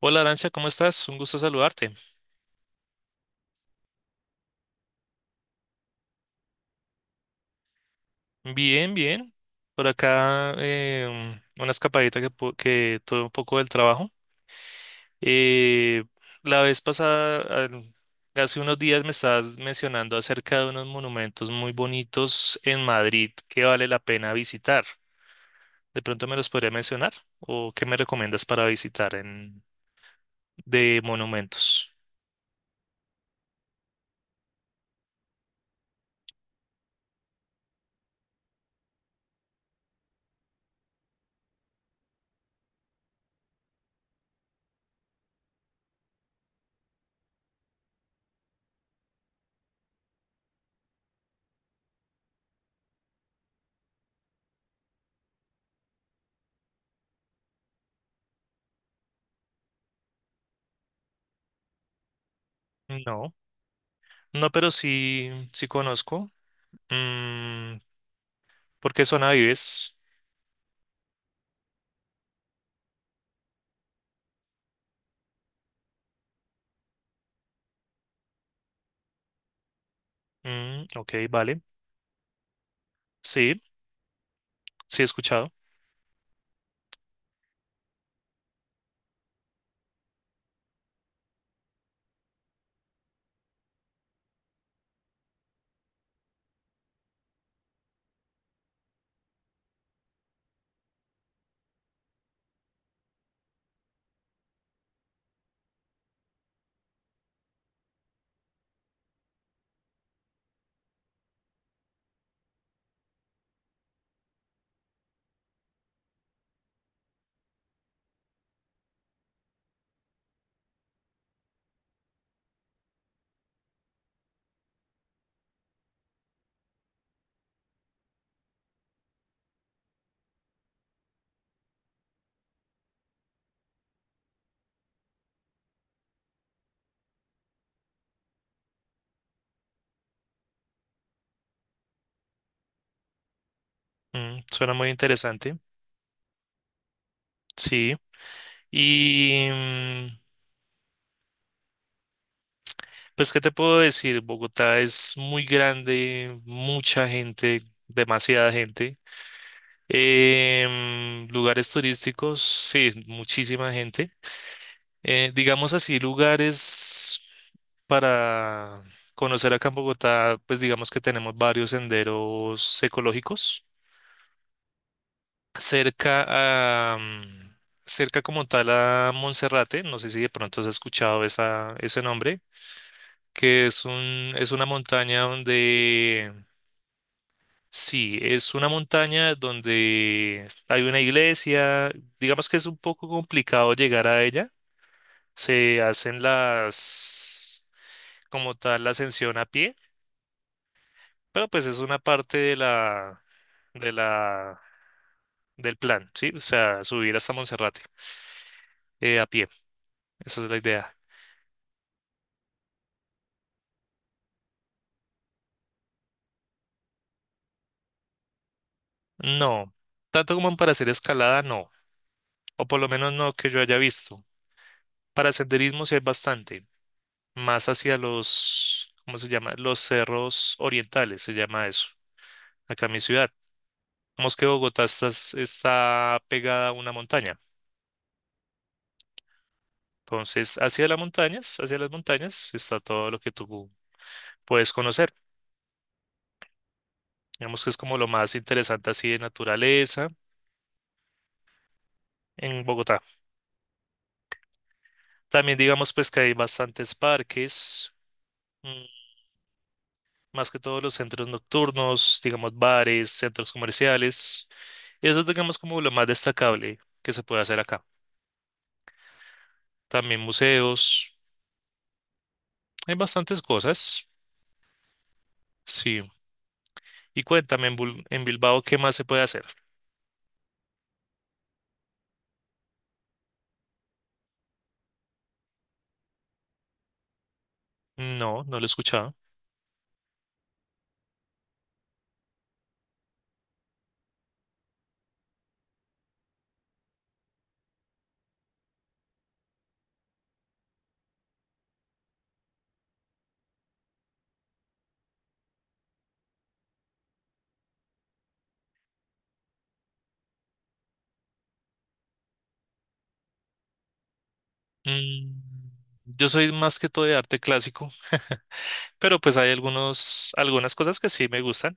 Hola Arancia, ¿cómo estás? Un gusto saludarte. Bien, bien. Por acá una escapadita que tuve un poco del trabajo. Eh, la vez pasada, hace unos días me estabas mencionando acerca de unos monumentos muy bonitos en Madrid que vale la pena visitar. ¿De pronto me los podría mencionar? ¿O qué me recomiendas para visitar en, de monumentos? No, no, pero sí, sí conozco. Mm, ¿por qué zona vives? Mm, ok, vale. Sí, sí he escuchado. Mm, suena muy interesante. Sí. Y pues, ¿qué te puedo decir? Bogotá es muy grande, mucha gente, demasiada gente. Lugares turísticos, sí, muchísima gente. Digamos así, lugares para conocer acá en Bogotá, pues digamos que tenemos varios senderos ecológicos. cerca a, mm, cerca como tal a Monserrate, no sé si de pronto has escuchado esa, ese nombre, que es una montaña donde, sí, es una montaña donde hay una iglesia, digamos que es un poco complicado llegar a ella, se hacen las, como tal, la ascensión a pie, pero pues es una parte de la, del plan, ¿sí? O sea, subir hasta Monserrate, a pie, esa es la idea. No, tanto como para hacer escalada, no, o por lo menos no que yo haya visto. Para senderismo sí hay bastante, más hacia los, ¿cómo se llama? Los cerros orientales, se llama eso, acá en mi ciudad. Como es que está pegada a una montaña, entonces hacia las montañas está todo lo que tú puedes conocer. Digamos que es como lo más interesante así de naturaleza en Bogotá. También digamos pues que hay bastantes parques. mm, más que todos los centros nocturnos, digamos bares, centros comerciales. Eso es, digamos, como lo más destacable que se puede hacer acá. También museos, hay bastantes cosas, sí. Y cuéntame, en Bilbao, ¿qué más se puede hacer? No, no lo he escuchado. Mm, yo soy más que todo de arte clásico, pero pues hay algunos, algunas cosas que sí me gustan.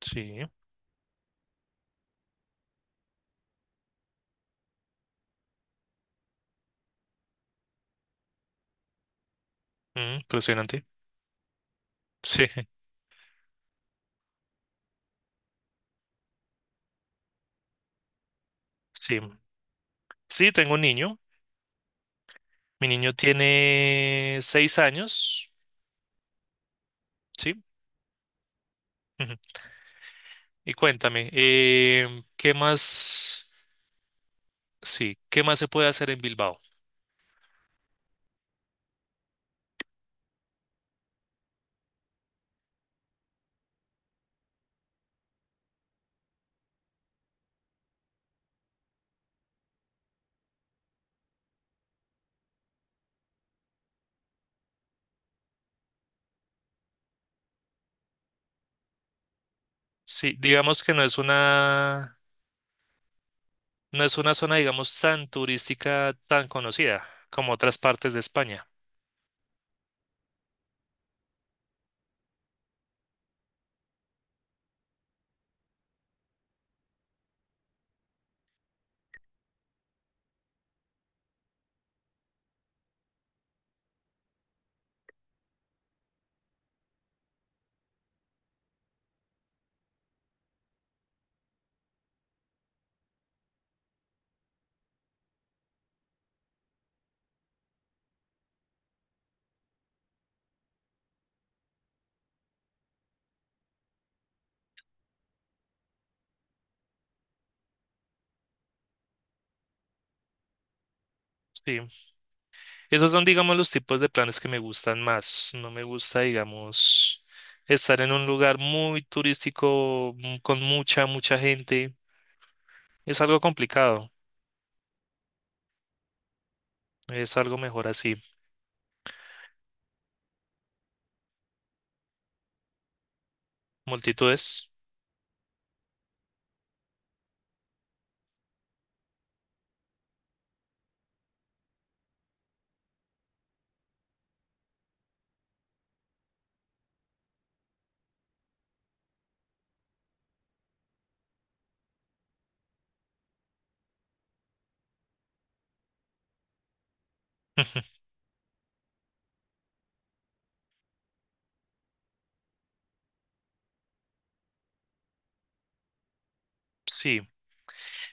Sí, mm, impresionante. Sí, sí. Sí, tengo un niño. Mi niño tiene 6 años. Sí. Ujú. Y cuéntame, ¿qué más, sí, qué más se puede hacer en Bilbao? Sí, digamos que no es una zona, digamos, tan turística, tan conocida como otras partes de España. Sí, esos son, digamos, los tipos de planes que me gustan más. No me gusta, digamos, estar en un lugar muy turístico, mm, con mucha, mucha gente. Es algo complicado. Es algo mejor así. Multitudes. Sí.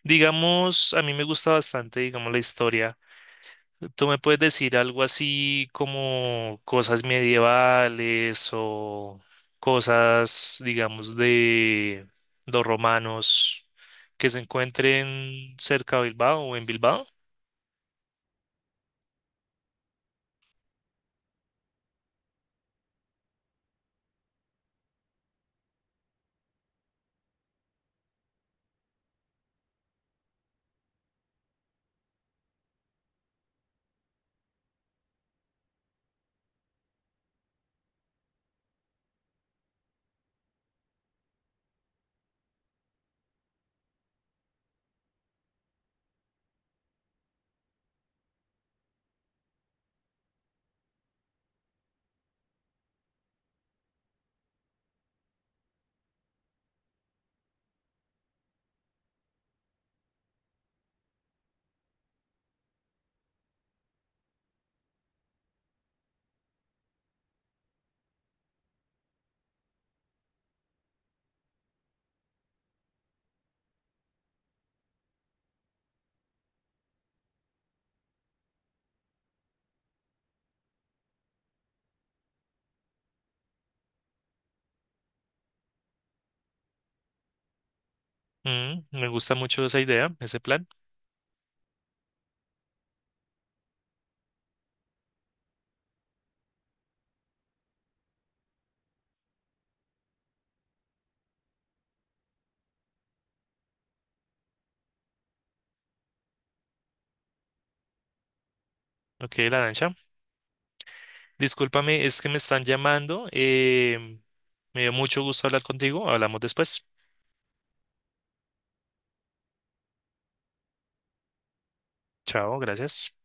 Digamos, a mí me gusta bastante, digamos, la historia. ¿Tú me puedes decir algo así como cosas medievales o cosas, digamos, de los romanos que se encuentren cerca de Bilbao o en Bilbao? Mm, me gusta mucho esa idea, ese plan. Ok, la danza. Discúlpame, es que me están llamando. Me dio mucho gusto hablar contigo. Hablamos después. Chao, gracias.